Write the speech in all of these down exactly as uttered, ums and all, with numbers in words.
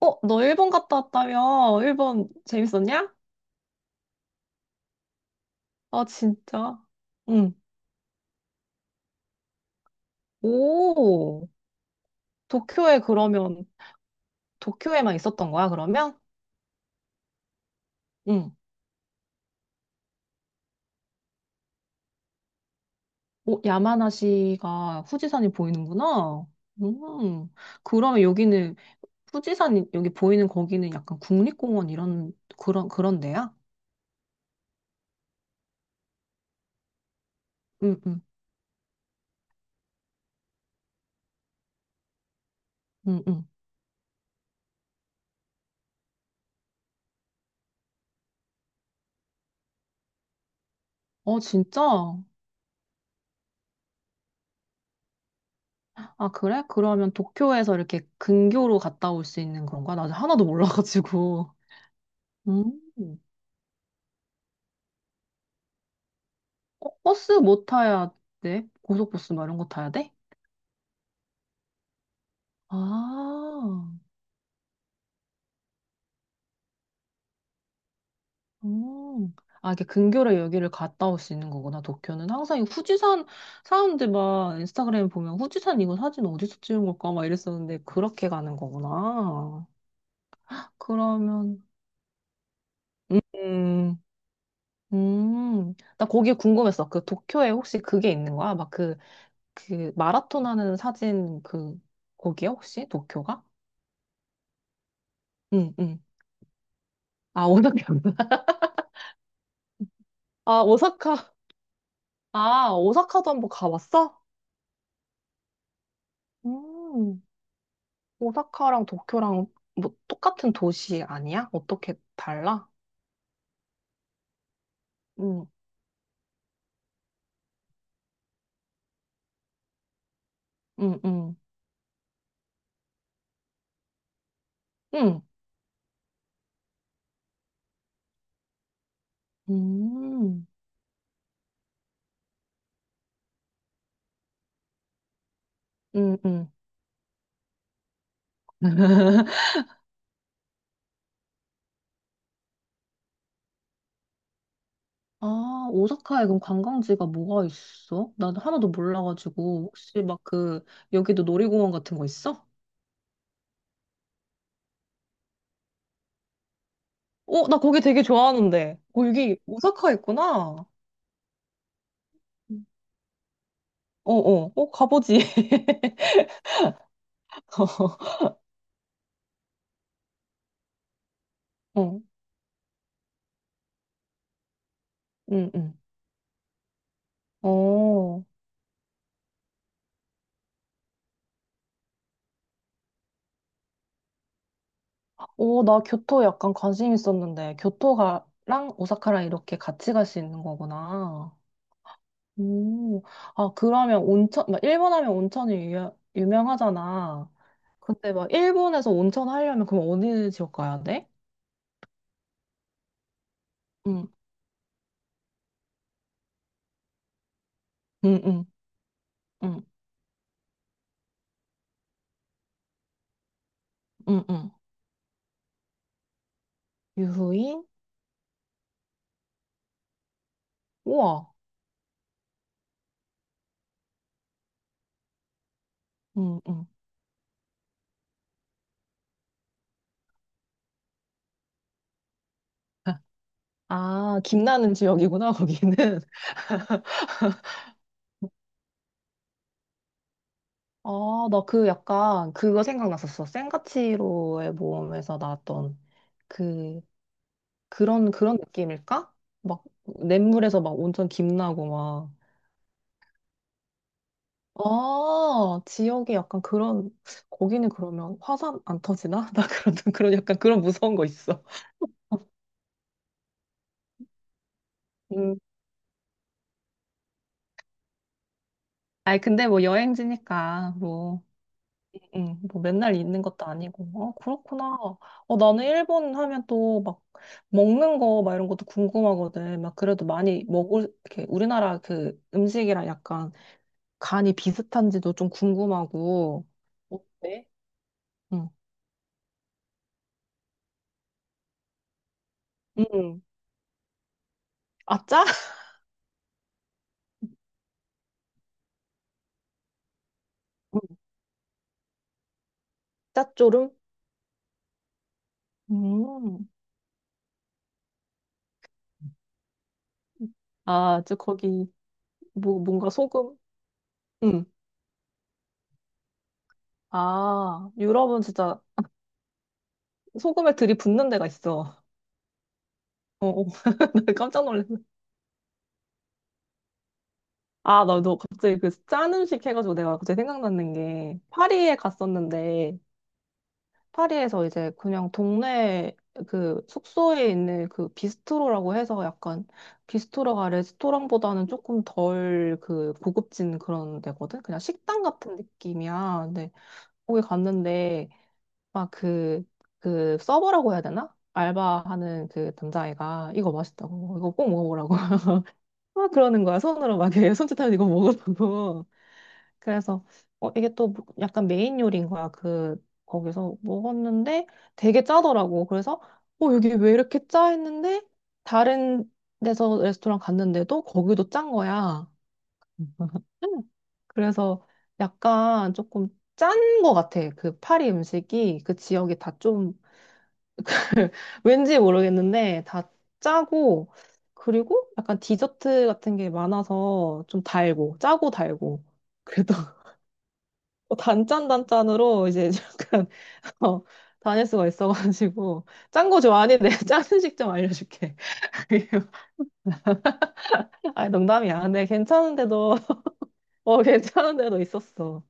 어, 너 일본 갔다 왔다며? 일본 재밌었냐? 아, 진짜? 응. 오, 도쿄에 그러면, 도쿄에만 있었던 거야, 그러면? 응. 오, 야마나시가 후지산이 보이는구나. 음, 그러면 여기는, 후지산이, 여기 보이는 거기는 약간 국립공원 이런, 그런, 그런 데야? 응, 응, 응, 응. 어, 진짜? 아, 그래? 그러면 도쿄에서 이렇게 근교로 갔다 올 수 있는 건가? 나 하나도 몰라가지고. 음. 어, 버스 못 타야 돼? 고속버스 막 이런 거 타야 돼? 아, 음. 아, 이게 근교로 여기를 갔다 올 수 있는 거구나, 도쿄는. 항상 이 후지산, 사람들 막 인스타그램에 보면 후지산 이거 사진 어디서 찍은 걸까? 막 이랬었는데, 그렇게 가는 거구나. 그러면, 음, 음. 나 거기 궁금했어. 그 도쿄에 혹시 그게 있는 거야? 막 그, 그 마라톤 하는 사진 그, 거기야, 혹시? 도쿄가? 응, 응. 아, 오사카구나. 아, 오사카. 아, 오사카도 한번 가봤어? 음, 오사카랑 도쿄랑 뭐 똑같은 도시 아니야? 어떻게 달라? 응, 응, 응, 응, 응, 응, 응. 아, 오사카에 그럼 관광지가 뭐가 있어? 난 하나도 몰라가지고. 혹시 막 그, 여기도 놀이공원 같은 거 있어? 어, 나 거기 되게 좋아하는데. 어, 여기 오사카 있구나. 음. 어, 어, 어, 가보지. 어, 응, 응. 어. 오, 나 교토 약간 관심 있었는데, 교토가랑 오사카랑 이렇게 같이 갈 수 있는 거구나. 오, 아, 그러면 온천, 막 일본 하면 온천이 유, 유명하잖아. 근데 막 일본에서 온천 하려면 그럼 어느 지역 가야 돼? 응, 응, 응, 응, 응, 응. 유후인? 우와, 응, 응. 아, 아, 김나는 지역이구나, 거기는. 아, 나 그 약간 그거 생각났었어. 센과 치로의 모험에서 나왔던 그 그런 그런 느낌일까? 막 냇물에서 막 온천 김나고 막. 아, 지역이 약간 그런 거기는 그러면 화산 안 터지나? 나 그런 그런 약간 그런 무서운 거 있어. 음. 아니 근데 뭐 여행지니까 뭐 음, 뭐 맨날 있는 것도 아니고. 어, 그렇구나. 어, 나는 일본 하면 또 막 먹는 거 막 이런 것도 궁금하거든. 막 그래도 많이 먹을 이렇게 우리나라 그 음식이랑 약간 간이 비슷한지도 좀 궁금하고. 어때? 응. 음, 아, 짜? 음, 짭조름? 음. 아, 저 거기 뭐 뭔가 소금? 응, 아, 유럽은 진짜 소금에 들이붓는 데가 있어. 어, 어. 나 깜짝 놀랐어. 아, 나너 갑자기 그 짠 음식 해가지고 내가 갑자기 생각났는 게 파리에 갔었는데 파리에서 이제 그냥 동네 그 숙소에 있는 그 비스트로라고 해서 약간 비스트로가 레스토랑보다는 조금 덜 그 고급진 그런 데거든? 그냥 식당 같은 느낌이야. 근데 거기 갔는데 막 그, 그 서버라고 해야 되나? 알바하는 그 남자애가 이거 맛있다고 이거 꼭 먹어보라고 막 그러는 거야 손으로 막 이렇게 손짓하면 이거 먹으라고 그래서 어, 이게 또 뭐- 약간 메인 요리인 거야. 그 거기서 먹었는데 되게 짜더라고. 그래서 어 여기 왜 이렇게 짜 했는데 다른 데서 레스토랑 갔는데도 거기도 짠 거야. 그래서 약간 조금 짠 거 같아. 그 파리 음식이 그 지역이 다 좀 왠지 모르겠는데 다 짜고 그리고 약간 디저트 같은 게 많아서 좀 달고 짜고 달고 그래도 어, 단짠단짠으로 이제 약간 어, 다닐 수가 있어가지고 짠 거 좋아하는데 짠 음식 좀 알려줄게. 아니 농담이야. 근데 괜찮은데도 어 괜찮은데도 있었어.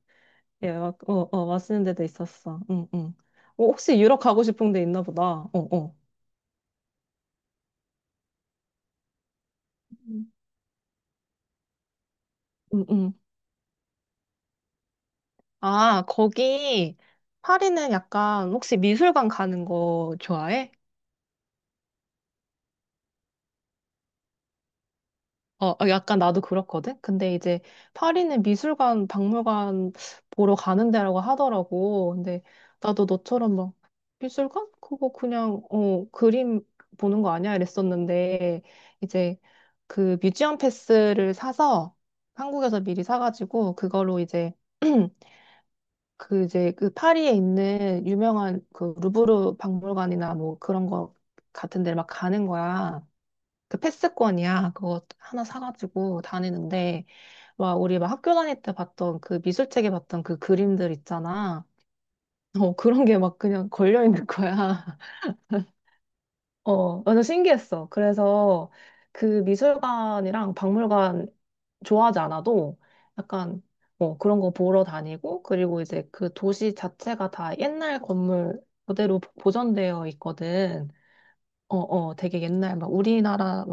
예, 막, 어, 어 맛있는 데도 있었어. 응, 응. 어, 혹시 유럽 가고 싶은 데 있나 보다. 어, 어. 음. 응, 응. 아 거기 파리는 약간 혹시 미술관 가는 거 좋아해? 어, 어, 약간 나도 그렇거든? 근데 이제 파리는 미술관, 박물관 보러 가는 데라고 하더라고. 근데 나도 너처럼 막 미술관? 그거 그냥, 어, 그림 보는 거 아니야? 이랬었는데 이제 그 뮤지엄 패스를 사서 한국에서 미리 사가지고 그걸로 이제 그 이제 그 파리에 있는 유명한 그 루브르 박물관이나 뭐 그런 거 같은 데를 막 가는 거야. 그 패스권이야. 그거 하나 사가지고 다니는데, 막 우리 막 학교 다닐 때 봤던 그 미술책에 봤던 그 그림들 있잖아. 어, 그런 게 막 그냥 걸려있는 거야. 어, 완전 신기했어. 그래서 그 미술관이랑 박물관 좋아하지 않아도 약간 뭐 그런 거 보러 다니고 그리고 이제 그 도시 자체가 다 옛날 건물 그대로 보존되어 있거든. 어, 어, 되게 옛날 막 우리나라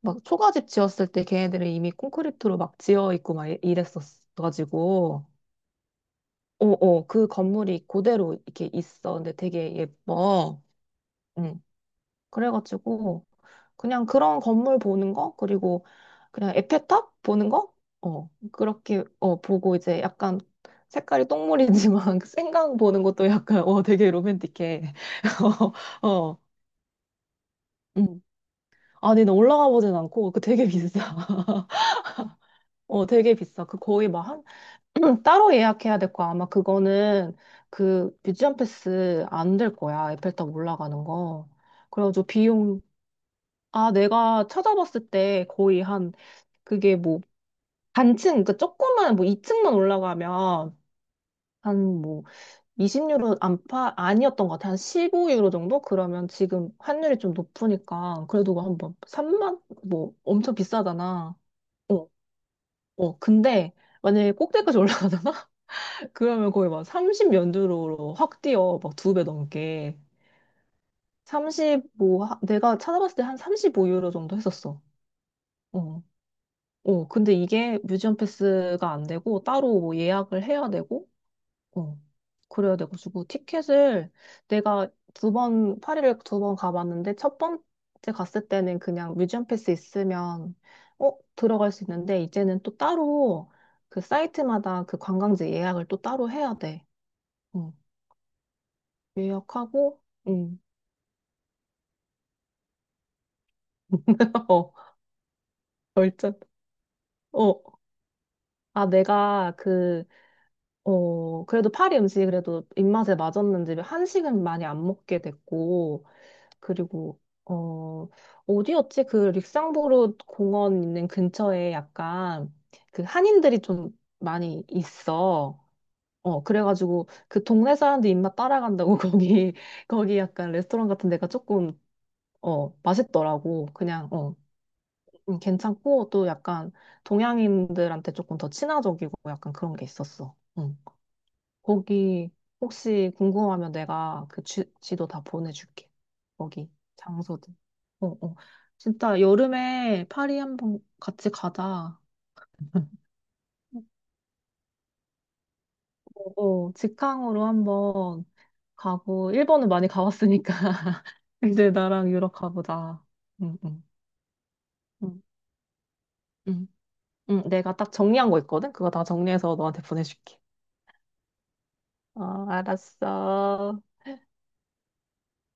막 초가집 지었을 때 걔네들은 이미 콘크리트로 막 지어 있고 막 이- 이랬었어가지고 어어 그 건물이 그대로 이렇게 있어 근데 되게 예뻐 응 그래가지고 그냥 그런 건물 보는 거 그리고 그냥 에펠탑 보는 거어 그렇게 어 보고 이제 약간 색깔이 똥물이지만 생강 보는 것도 약간 어 되게 로맨틱해 어 응 아니 나 올라가 보진 않고 그 되게 비싸 어 되게 비싸 그 거의 막한 따로 예약해야 될 거야. 아마 그거는 그 뮤지엄 패스 안 될 거야. 에펠탑 올라가는 거. 그래가지고 비용, 아, 내가 찾아봤을 때 거의 한, 그게 뭐, 단층, 그러니까 조금만, 뭐 이 층만 올라가면 한 뭐 이십 유로 안팎 아니었던 것 같아. 한 십오 유로 정도? 그러면 지금 환율이 좀 높으니까 그래도 뭐 한번 삼만? 뭐 엄청 비싸잖아. 어, 어. 근데 만약에 꼭대기까지 올라가잖아? 그러면 거의 막 삼 영연유로확 뛰어. 막 두 배 넘게. 삼십오, 하- 내가 찾아봤을 때 한 삼십오 유로 정도 했었어. 어. 어, 근데 이게 뮤지엄 패스가 안 되고 따로 뭐 예약을 해야 되고, 어. 그래야 돼가지고 티켓을 내가 두 번, 파리를 두 번 가봤는데 첫 번째 갔을 때는 그냥 뮤지엄 패스 있으면, 어, 들어갈 수 있는데 이제는 또 따로 그 사이트마다 그 관광지 예약을 또 따로 해야 돼. 어. 예약하고, 응. 어, 얼른. 어. 아, 내가 그, 어, 그래도 파리 음식이 그래도 입맛에 맞았는지 한식은 많이 안 먹게 됐고, 그리고, 어, 어디였지? 그 릭상보르 공원 있는 근처에 약간 그 한인들이 좀 많이 있어. 어, 그래가지고 그 동네 사람들 입맛 따라간다고 거기, 거기 약간 레스토랑 같은 데가 조금, 어, 맛있더라고. 그냥, 어. 음, 괜찮고 또 약간 동양인들한테 조금 더 친화적이고 약간 그런 게 있었어. 응. 거기 혹시 궁금하면 내가 그 지, 지도 다 보내줄게. 거기 장소들. 어, 어. 진짜 여름에 파리 한번 같이 가자. 어, 어, 직항으로 한번 가고 일본은 많이 가봤으니까 이제 나랑 유럽 가보자. 응, 응, 응, 응. 응, 내가 딱 정리한 거 있거든. 그거 다 정리해서 너한테 보내줄게. 어, 알았어.